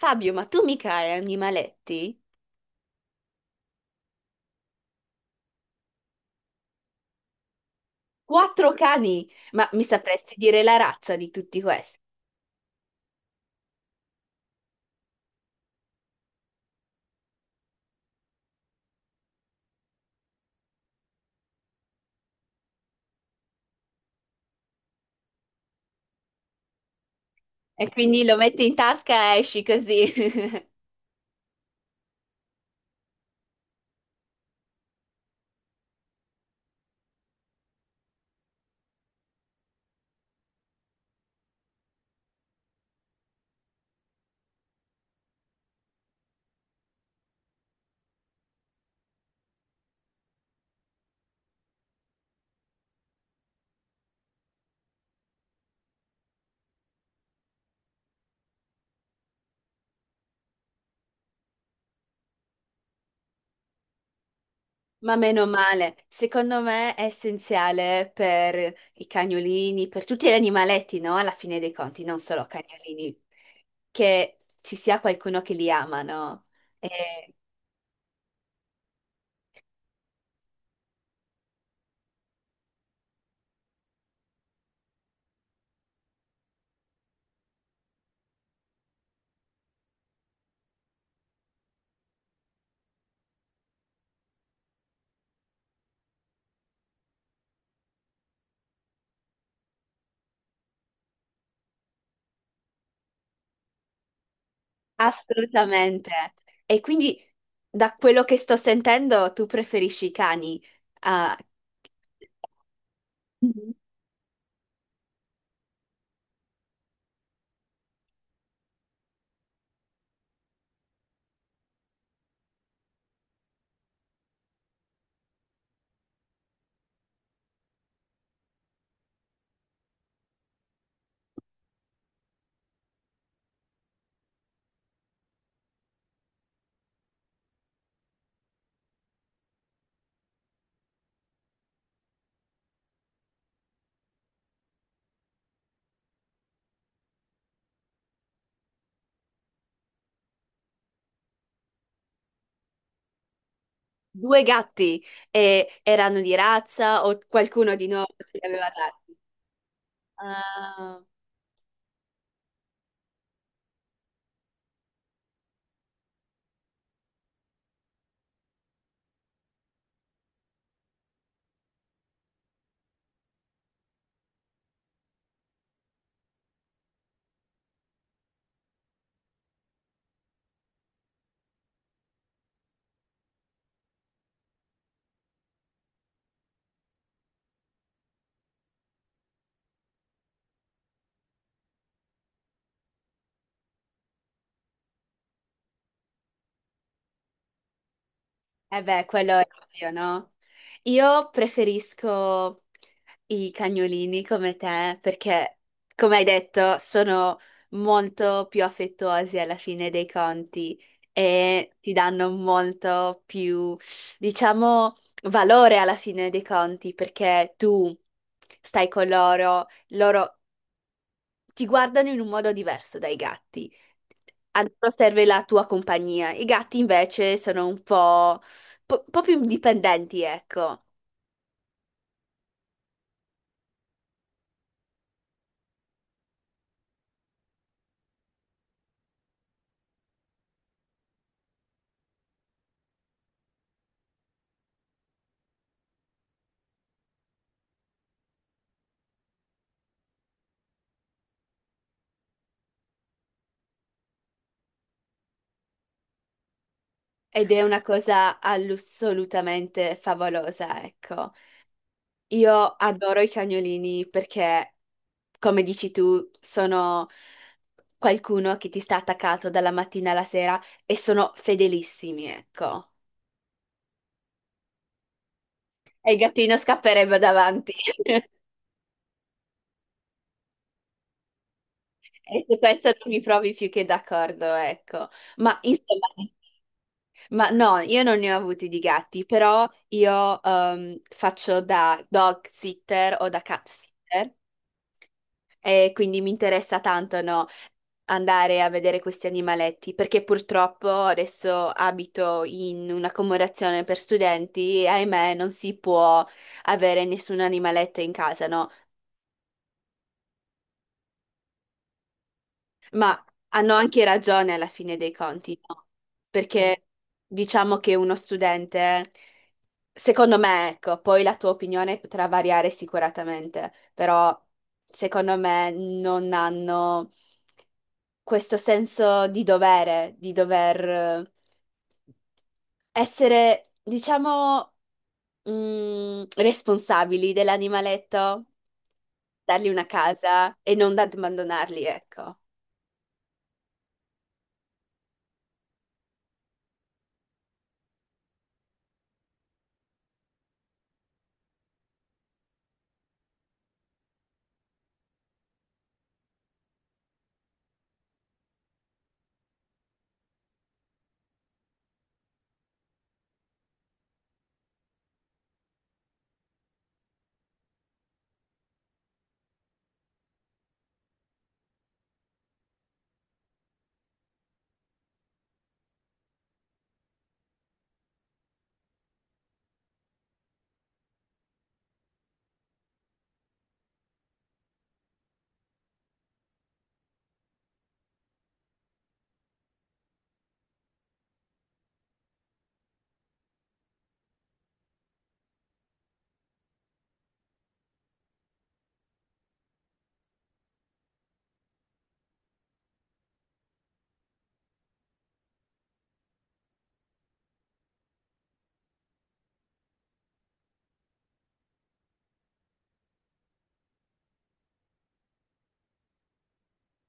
Fabio, ma tu mica hai animaletti? Quattro cani, ma mi sapresti dire la razza di tutti questi? E quindi lo metti in tasca e esci così. Ma meno male, secondo me è essenziale per i cagnolini, per tutti gli animaletti, no? Alla fine dei conti, non solo cagnolini, che ci sia qualcuno che li ama, no? Eh, assolutamente. E quindi, da quello che sto sentendo, tu preferisci i cani? Ah, mhm. Due gatti e erano di razza o qualcuno di noi li aveva dati? Ah, eh beh, quello è ovvio, no? Io preferisco i cagnolini come te perché, come hai detto, sono molto più affettuosi alla fine dei conti e ti danno molto più, diciamo, valore alla fine dei conti perché tu stai con loro, loro ti guardano in un modo diverso dai gatti. A loro serve la tua compagnia. I gatti invece sono un po', un po' più indipendenti, ecco. Ed è una cosa assolutamente favolosa, ecco. Io adoro i cagnolini perché, come dici tu, sono qualcuno che ti sta attaccato dalla mattina alla sera e sono fedelissimi, ecco. E il gattino scapperebbe davanti. E su questo non mi provi più che d'accordo, ecco. Ma insomma, ma no, io non ne ho avuti di gatti, però io faccio da dog sitter o da cat sitter e quindi mi interessa tanto, no, andare a vedere questi animaletti, perché purtroppo adesso abito in un'accomodazione per studenti e ahimè non si può avere nessun animaletto in casa, no? Ma hanno anche ragione alla fine dei conti, no? Mm. Perché diciamo che uno studente, secondo me, ecco, poi la tua opinione potrà variare sicuramente, però secondo me non hanno questo senso di dovere, di dover essere, diciamo, responsabili dell'animaletto, dargli una casa e non abbandonarli, ecco.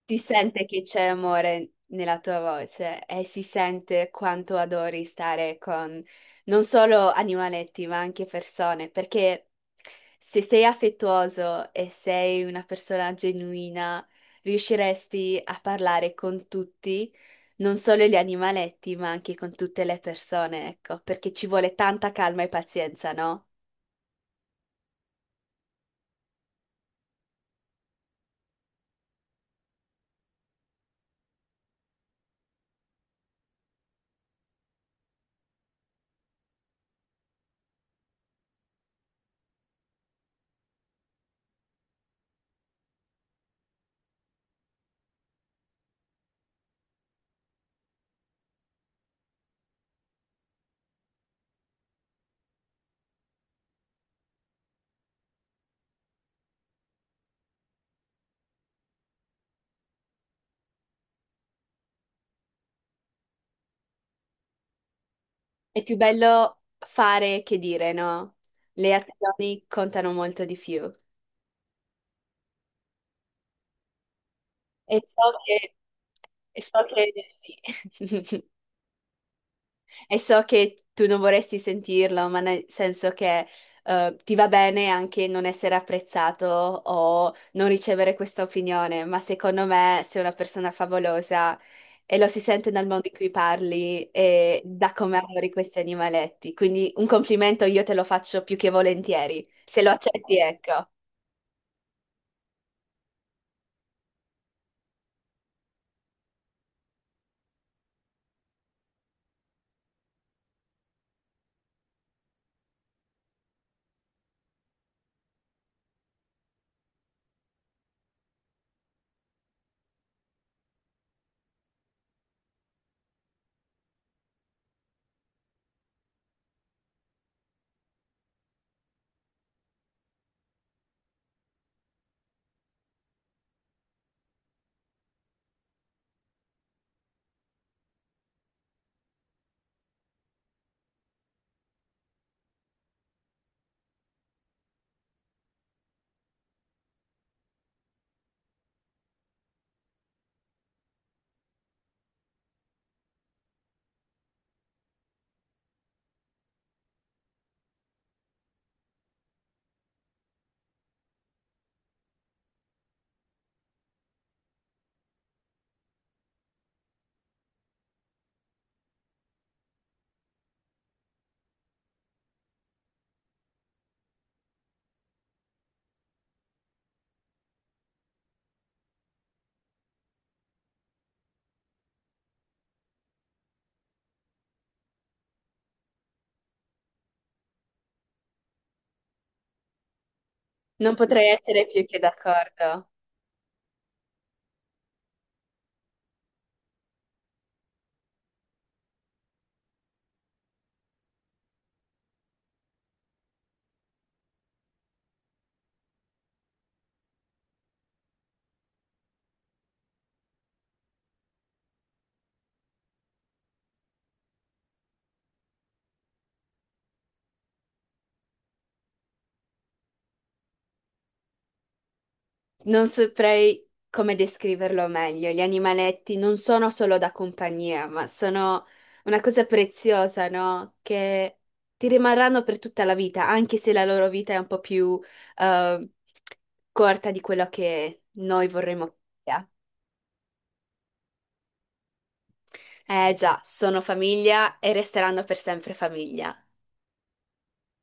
Si sente che c'è amore nella tua voce e si sente quanto adori stare con non solo animaletti, ma anche persone, perché se sei affettuoso e sei una persona genuina, riusciresti a parlare con tutti, non solo gli animaletti, ma anche con tutte le persone, ecco, perché ci vuole tanta calma e pazienza, no? È più bello fare che dire, no? Le azioni contano molto di più. E so che, e so che, sì. E so che tu non vorresti sentirlo, ma nel senso che ti va bene anche non essere apprezzato o non ricevere questa opinione, ma secondo me sei una persona favolosa e lo si sente dal modo in cui parli e da come adori questi animaletti. Quindi un complimento io te lo faccio più che volentieri, se lo accetti, ecco. Non potrei essere più che d'accordo. Non saprei come descriverlo meglio. Gli animaletti non sono solo da compagnia, ma sono una cosa preziosa, no? Che ti rimarranno per tutta la vita, anche se la loro vita è un po' più eh, corta di quello che noi vorremmo che sia. Eh già, sono famiglia e resteranno per sempre famiglia.